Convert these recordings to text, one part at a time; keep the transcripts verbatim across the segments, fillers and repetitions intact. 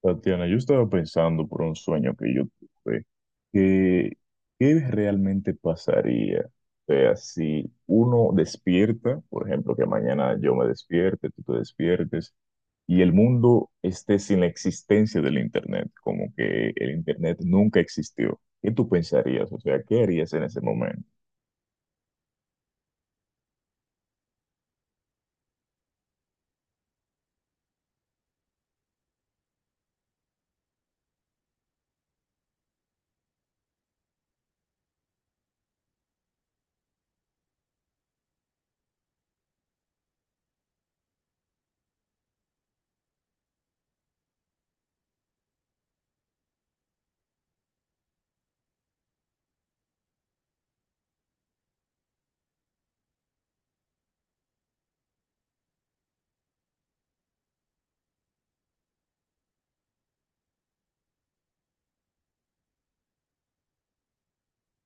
Tatiana, yo estaba pensando por un sueño que yo tuve, que qué realmente pasaría. O sea, si uno despierta, por ejemplo, que mañana yo me despierte, tú te despiertes, y el mundo esté sin la existencia del Internet, como que el Internet nunca existió. ¿Qué tú pensarías? O sea, ¿qué harías en ese momento?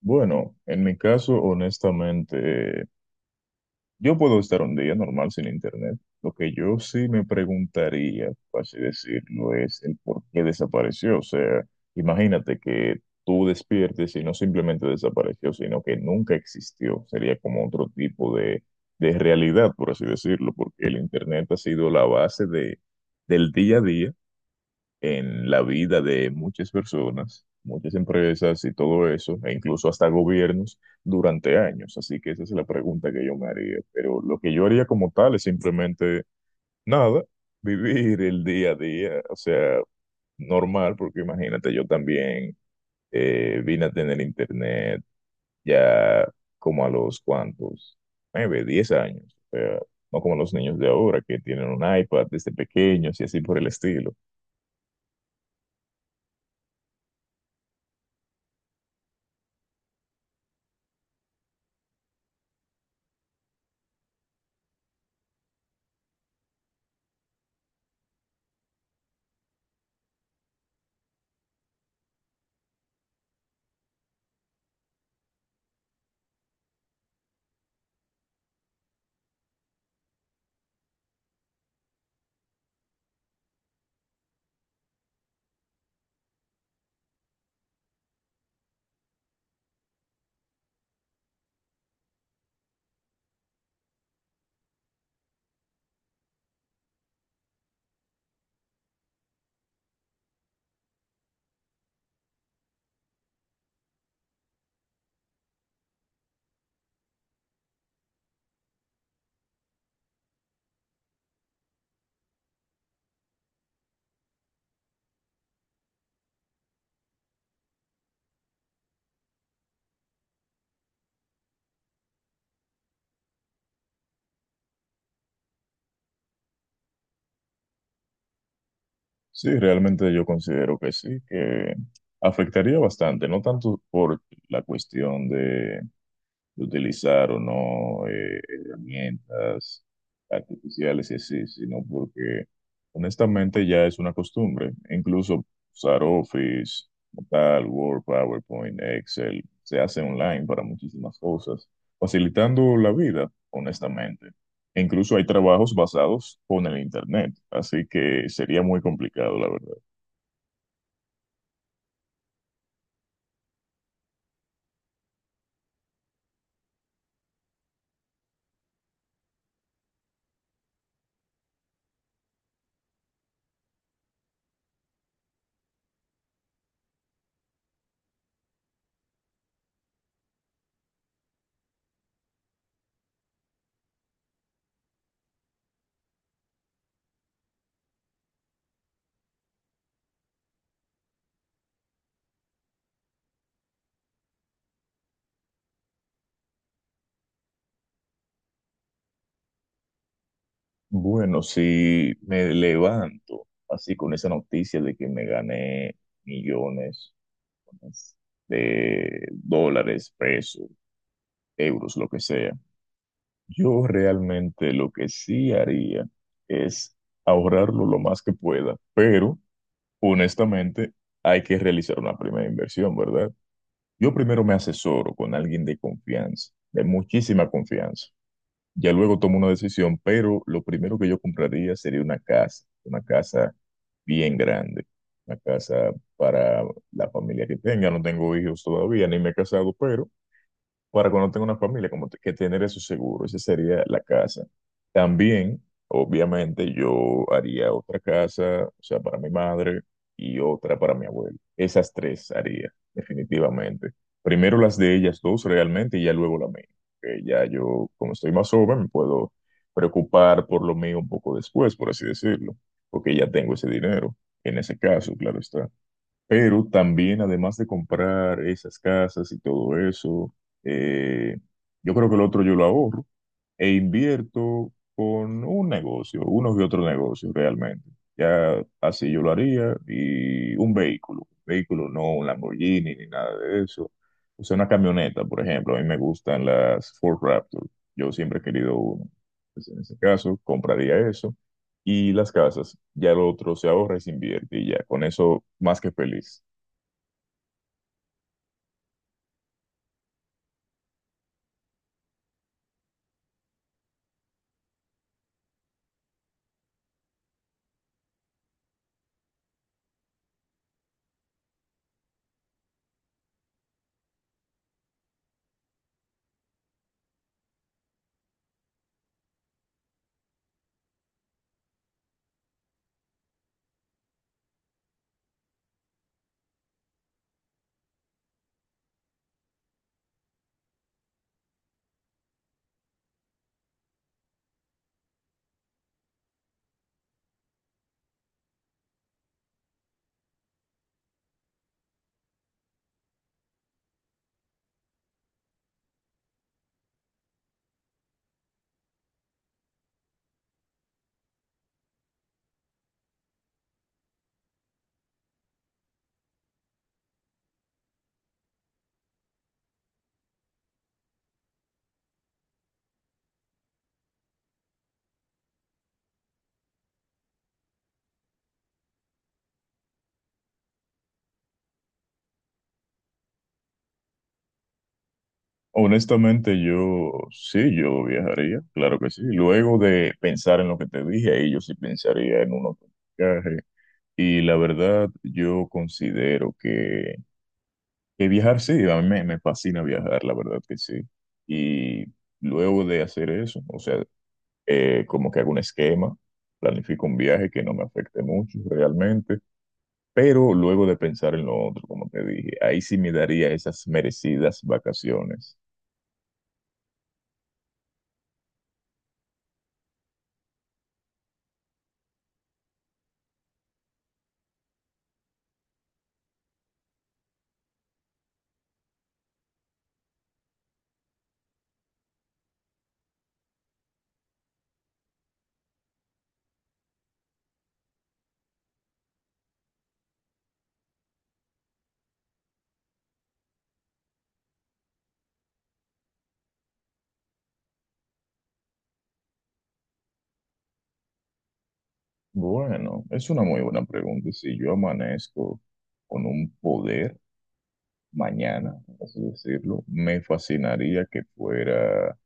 Bueno, en mi caso, honestamente, yo puedo estar un día normal sin internet. Lo que yo sí me preguntaría, por así decirlo, es el por qué desapareció. O sea, imagínate que tú despiertes y no simplemente desapareció, sino que nunca existió. Sería como otro tipo de, de realidad, por así decirlo, porque el internet ha sido la base de, del día a día en la vida de muchas personas, muchas empresas y todo eso, e incluso hasta gobiernos durante años. Así que esa es la pregunta que yo me haría. Pero lo que yo haría como tal es simplemente nada, vivir el día a día, o sea, normal, porque imagínate, yo también eh, vine a tener internet ya como a los cuantos, nueve, diez años, o sea, no como los niños de ahora que tienen un iPad desde pequeños y así por el estilo. Sí, realmente yo considero que sí, que afectaría bastante, no tanto por la cuestión de, de utilizar o no eh, herramientas artificiales y así, sino porque honestamente ya es una costumbre. Incluso usar Office, Tal, Word, PowerPoint, Excel, se hace online para muchísimas cosas, facilitando la vida, honestamente. E incluso hay trabajos basados con el Internet, así que sería muy complicado, la verdad. Bueno, si me levanto así con esa noticia de que me gané millones de dólares, pesos, euros, lo que sea. Yo realmente lo que sí haría es ahorrarlo lo más que pueda, pero honestamente hay que realizar una primera inversión, ¿verdad? Yo primero me asesoro con alguien de confianza, de muchísima confianza. Ya luego tomo una decisión, pero lo primero que yo compraría sería una casa, una casa bien grande, una casa para la familia que tenga. No tengo hijos todavía, ni me he casado, pero para cuando tenga una familia, como que tener eso seguro, esa sería la casa. También, obviamente, yo haría otra casa, o sea, para mi madre y otra para mi abuelo. Esas tres haría, definitivamente. Primero las de ellas dos realmente y ya luego la mía. Que ya yo, como estoy más joven, me puedo preocupar por lo mío un poco después, por así decirlo, porque ya tengo ese dinero, en ese caso, claro está. Pero también, además de comprar esas casas y todo eso, eh, yo creo que el otro yo lo ahorro e invierto con un negocio, unos y otros negocios realmente. Ya así yo lo haría y un vehículo, un vehículo no un Lamborghini ni nada de eso. O sea, una camioneta, por ejemplo, a mí me gustan las Ford Raptor. Yo siempre he querido uno. Pues, en ese caso, compraría eso. Y las casas, ya lo otro se ahorra y se invierte y ya, con eso más que feliz. Honestamente, yo sí, yo viajaría, claro que sí. Luego de pensar en lo que te dije, ahí yo sí pensaría en un otro viaje. Y la verdad, yo considero que, que viajar sí, a mí me, me fascina viajar, la verdad que sí. Y luego de hacer eso, o sea, eh, como que hago un esquema, planifico un viaje que no me afecte mucho realmente, pero luego de pensar en lo otro, como te dije, ahí sí me daría esas merecidas vacaciones. Bueno, es una muy buena pregunta. Si yo amanezco con un poder mañana, por así decirlo, me fascinaría que fuera.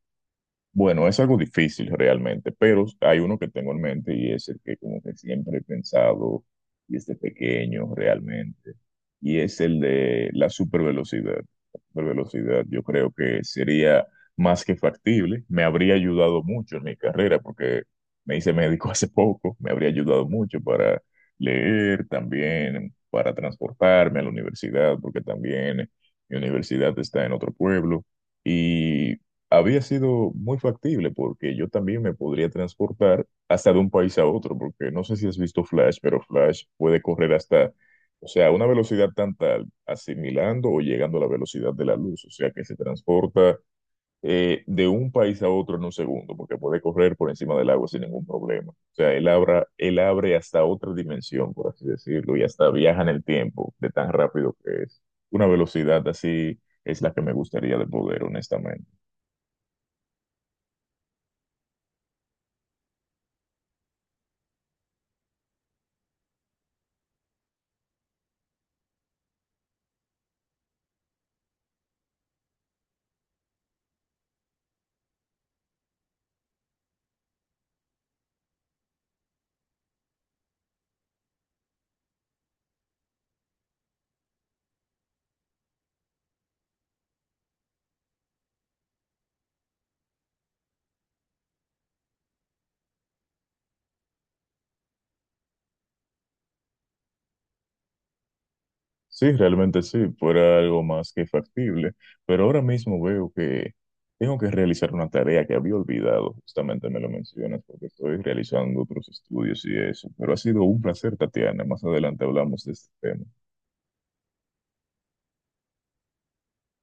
Bueno, es algo difícil realmente, pero hay uno que tengo en mente y es el que como que siempre he pensado desde pequeño realmente, y es el de la supervelocidad. La supervelocidad yo creo que sería más que factible, me habría ayudado mucho en mi carrera porque me hice médico hace poco, me habría ayudado mucho para leer también, para transportarme a la universidad, porque también mi universidad está en otro pueblo. Y había sido muy factible porque yo también me podría transportar hasta de un país a otro, porque no sé si has visto Flash, pero Flash puede correr hasta, o sea, a una velocidad tan tal, asimilando o llegando a la velocidad de la luz, o sea, que se transporta eh, de un país a otro en un segundo, porque puede correr por encima del agua sin ningún problema. O sea, él abra, él abre hasta otra dimensión, por así decirlo, y hasta viaja en el tiempo de tan rápido que es. Una velocidad así es la que me gustaría de poder, honestamente. Sí, realmente sí, fuera algo más que factible, pero ahora mismo veo que tengo que realizar una tarea que había olvidado, justamente me lo mencionas, porque estoy realizando otros estudios y eso, pero ha sido un placer, Tatiana, más adelante hablamos de este tema.